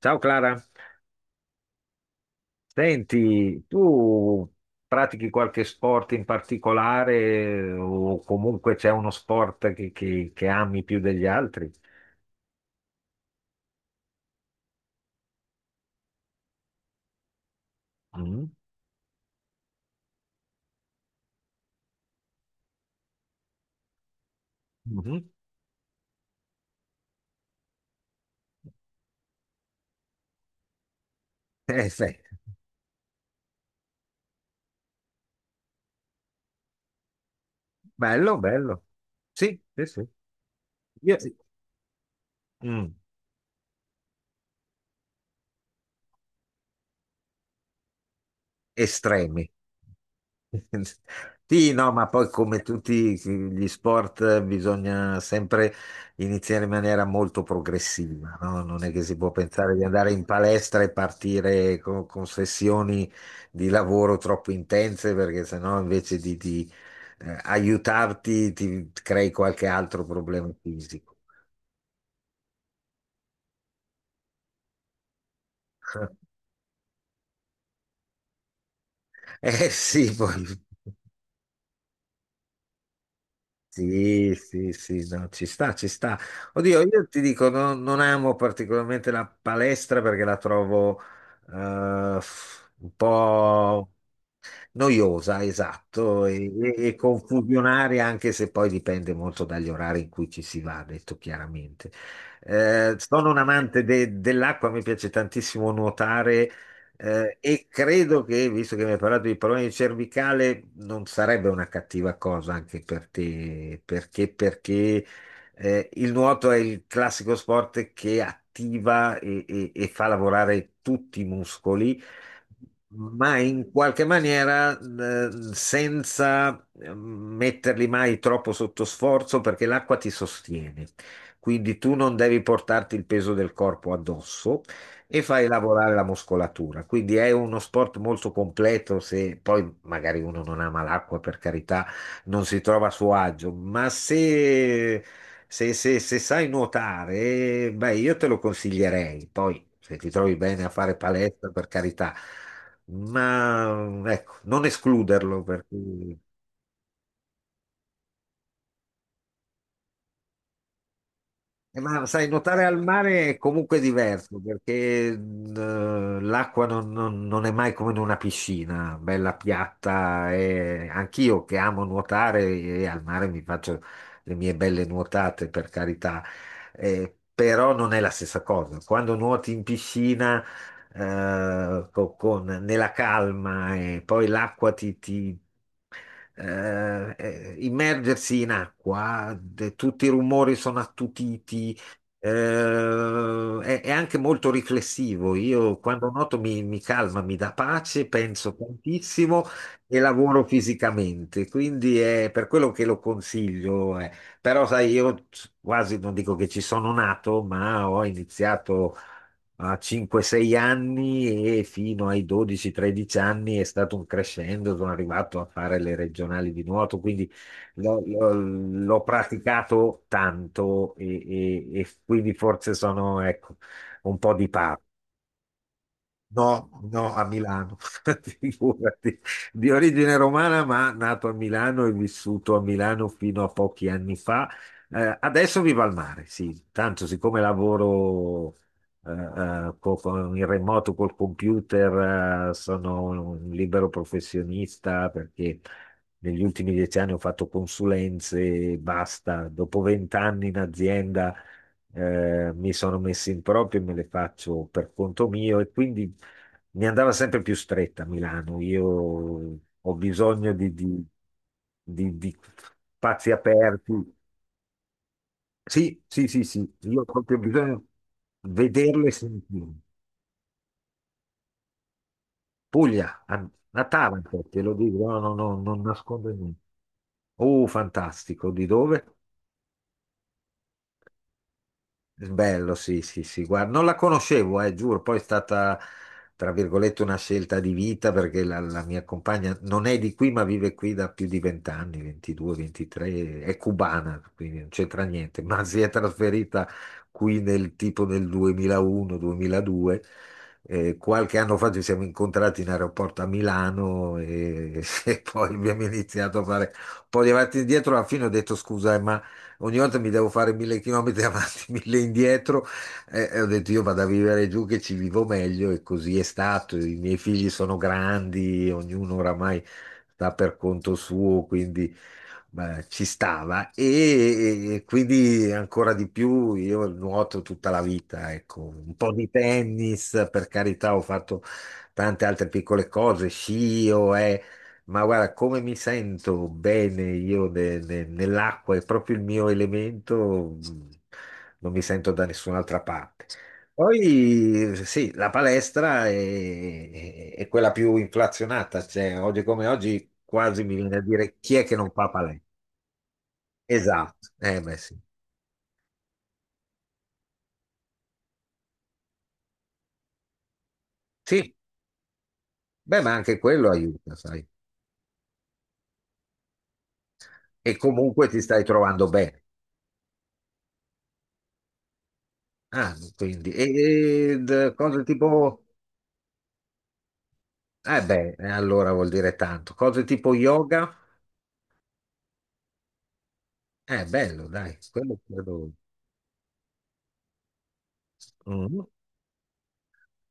Ciao Clara, senti, tu pratichi qualche sport in particolare o comunque c'è uno sport che ami più degli altri? Mm? Mhm. Sì. Bello, bello. Sì, sì, sì. Sì. Mm. Estremi. Sì, no, ma poi come tutti gli sport bisogna sempre iniziare in maniera molto progressiva, no? Non è che si può pensare di andare in palestra e partire con sessioni di lavoro troppo intense, perché sennò invece di aiutarti ti crei qualche altro problema fisico. Eh sì, poi. Sì, sì, sì, no, ci sta, ci sta. Oddio, io ti dico, non amo particolarmente la palestra perché la trovo un po' noiosa, esatto, e confusionaria, anche se poi dipende molto dagli orari in cui ci si va, detto chiaramente. Sono un amante dell'acqua, mi piace tantissimo nuotare. E credo che, visto che mi hai parlato di problemi cervicale, non sarebbe una cattiva cosa anche per te, perché il nuoto è il classico sport che attiva e fa lavorare tutti i muscoli ma in qualche maniera senza metterli mai troppo sotto sforzo perché l'acqua ti sostiene. Quindi tu non devi portarti il peso del corpo addosso e fai lavorare la muscolatura. Quindi è uno sport molto completo. Se poi magari uno non ama l'acqua, per carità, non si trova a suo agio, ma se sai nuotare, beh, io te lo consiglierei. Poi, se ti trovi bene a fare palestra, per carità, ma ecco, non escluderlo perché... Ma sai, nuotare al mare è comunque diverso perché l'acqua non è mai come in una piscina, bella piatta. E anch'io che amo nuotare e al mare mi faccio le mie belle nuotate, per carità. Però non è la stessa cosa. Quando nuoti in piscina, nella calma e poi l'acqua immergersi in acqua, tutti i rumori sono attutiti, è anche molto riflessivo. Io quando nuoto mi calma, mi dà pace, penso tantissimo e lavoro fisicamente, quindi è per quello che lo consiglio. Però, sai, io quasi non dico che ci sono nato, ma ho iniziato a 5-6 anni e fino ai 12-13 anni è stato un crescendo, sono arrivato a fare le regionali di nuoto, quindi l'ho praticato tanto e quindi forse sono, ecco, un po' di... No, no, a Milano, figurati, di origine romana, ma nato a Milano e vissuto a Milano fino a pochi anni fa. Adesso vivo al mare, sì, tanto siccome lavoro in remoto col computer, sono un libero professionista perché negli ultimi 10 anni ho fatto consulenze e basta. Dopo 20 anni in azienda mi sono messi in proprio e me le faccio per conto mio e quindi mi andava sempre più stretta a Milano. Io ho bisogno di spazi aperti. Sì, sì, sì, sì, io ho proprio bisogno di vederlo e sentirlo. Puglia, a Taranto, te lo dico, no, no, no, non nascondo niente. Oh, fantastico, di dove? Bello, sì, sì, sì, guarda, non la conoscevo, giuro, poi è stata, tra virgolette, una scelta di vita perché la mia compagna non è di qui, ma vive qui da più di 20 anni, 22, 23, è cubana, quindi non c'entra niente, ma si è trasferita qui nel tipo nel 2001-2002. Qualche anno fa ci siamo incontrati in aeroporto a Milano e, e poi abbiamo iniziato a fare un po' di avanti e indietro. Alla fine ho detto scusa, ma ogni volta mi devo fare 1000 chilometri avanti, 1000 indietro e ho detto io vado a vivere giù che ci vivo meglio e così è stato. I miei figli sono grandi, ognuno oramai sta per conto suo, quindi beh, ci stava e quindi ancora di più. Io nuoto tutta la vita, ecco, un po' di tennis, per carità, ho fatto tante altre piccole cose, sci, ma guarda, come mi sento bene io nell'acqua, è proprio il mio elemento, non mi sento da nessun'altra parte. Poi sì, la palestra è quella più inflazionata, cioè oggi come oggi quasi mi viene a dire chi è che non fa palestra. Esatto, eh beh sì. Sì, beh ma anche quello aiuta, sai. E comunque ti stai trovando bene. Ah, quindi, e, ed, cose tipo... Eh beh, allora vuol dire tanto. Cose tipo yoga? Bello, dai, quello credo. Mm.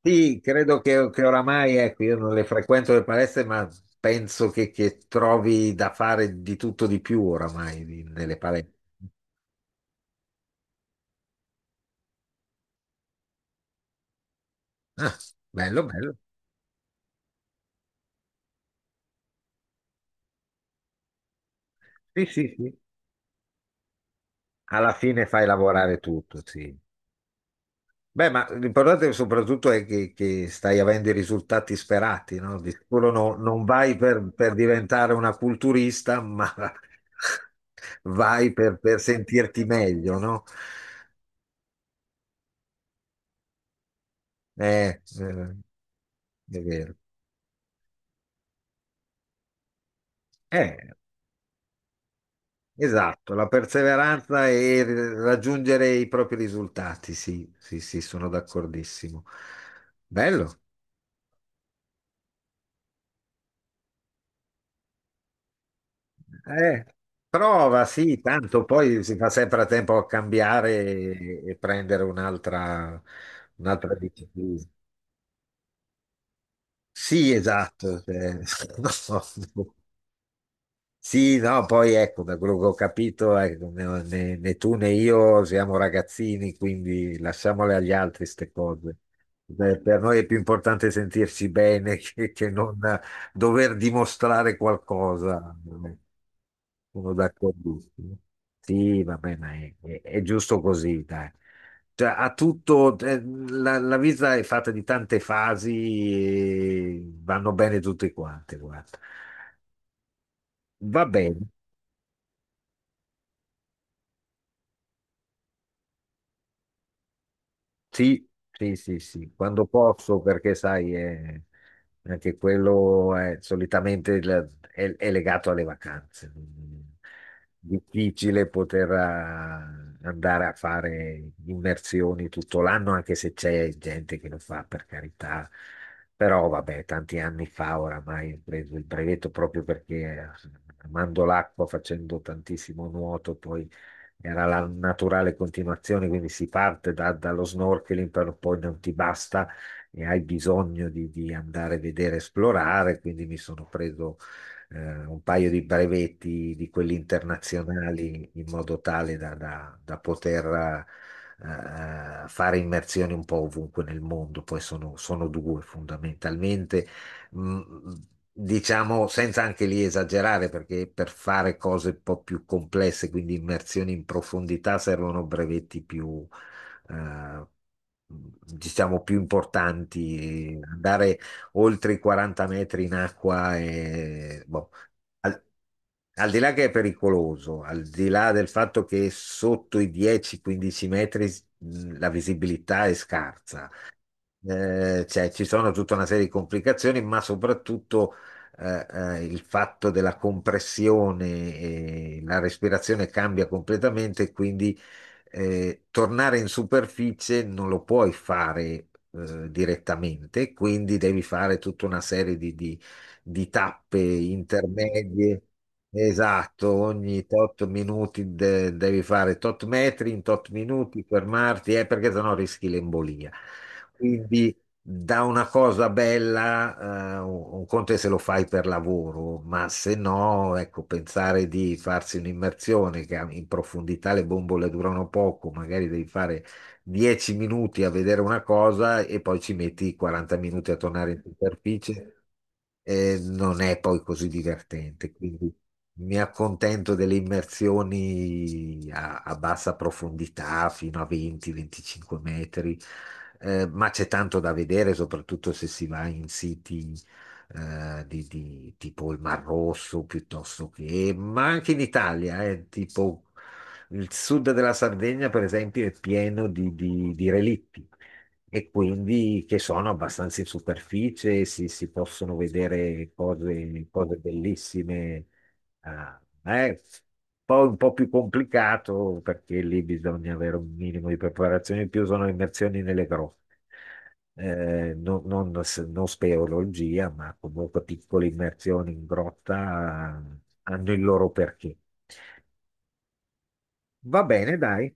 Sì, credo che oramai, ecco, io non le frequento le palestre, ma penso che trovi da fare di tutto di più oramai nelle palestre. Ah, bello, bello. Sì, sì, sì. Alla fine fai lavorare tutto, sì. Beh, ma l'importante soprattutto è che stai avendo i risultati sperati, no? Di sicuro non vai per diventare una culturista, ma vai per sentirti meglio, no? Eh, eh, è vero. Eh, esatto, la perseveranza e raggiungere i propri risultati, sì, sì, sì, sono d'accordissimo. Bello. Eh, prova, sì, tanto poi si fa sempre a tempo a cambiare e prendere un'altra disciplina. Sì, esatto. Cioè, no, no. Sì, no, poi ecco, da quello che ho capito, ecco, né tu né io siamo ragazzini, quindi lasciamole agli altri queste cose. Beh, per noi è più importante sentirci bene che non dover dimostrare qualcosa. Eh, Sono d'accordissimo. Sì, va bene, è giusto così, dai. Cioè, ha tutto, la vita è fatta di tante fasi, e vanno bene tutte quante, guarda. Va bene. Sì, sì, sì, sì, quando posso, perché sai, anche quello è solitamente è legato alle vacanze. Difficile poter andare a fare immersioni tutto l'anno, anche se c'è gente che lo fa, per carità. Però vabbè, tanti anni fa oramai ho preso il brevetto proprio perché amando l'acqua, facendo tantissimo nuoto, poi era la naturale continuazione, quindi si parte dallo snorkeling, però poi non ti basta e hai bisogno di andare a vedere, esplorare, quindi mi sono preso un paio di brevetti di quelli internazionali in modo tale da poter fare immersioni un po' ovunque nel mondo, poi sono, sono due fondamentalmente, mh, diciamo, senza anche lì esagerare, perché per fare cose un po' più complesse, quindi immersioni in profondità, servono brevetti più, eh, diciamo, più importanti. Andare oltre i 40 metri in acqua è... boh, al- al di là che è pericoloso, al di là del fatto che sotto i 10-15 metri, la visibilità è scarsa, cioè, ci sono tutta una serie di complicazioni, ma soprattutto il fatto della compressione, la respirazione cambia completamente, e quindi tornare in superficie non lo puoi fare direttamente, quindi devi fare tutta una serie di tappe intermedie. Esatto, ogni tot minuti devi fare tot metri in tot minuti, fermarti, perché sennò rischi l'embolia. Quindi da una cosa bella, un conto è se lo fai per lavoro, ma se no, ecco, pensare di farsi un'immersione che in profondità le bombole durano poco, magari devi fare 10 minuti a vedere una cosa e poi ci metti 40 minuti a tornare in superficie, non è poi così divertente, quindi mi accontento delle immersioni a bassa profondità, fino a 20-25 metri, ma c'è tanto da vedere, soprattutto se si va in siti tipo il Mar Rosso, piuttosto che, ma anche in Italia, tipo il sud della Sardegna, per esempio, è pieno di relitti e quindi che sono abbastanza in superficie, si possono vedere cose, cose bellissime. Ah, poi un po' più complicato perché lì bisogna avere un minimo di preparazione in più, sono immersioni nelle grotte. Non speleologia, ma comunque piccole immersioni in grotta, hanno il loro perché. Va bene, dai.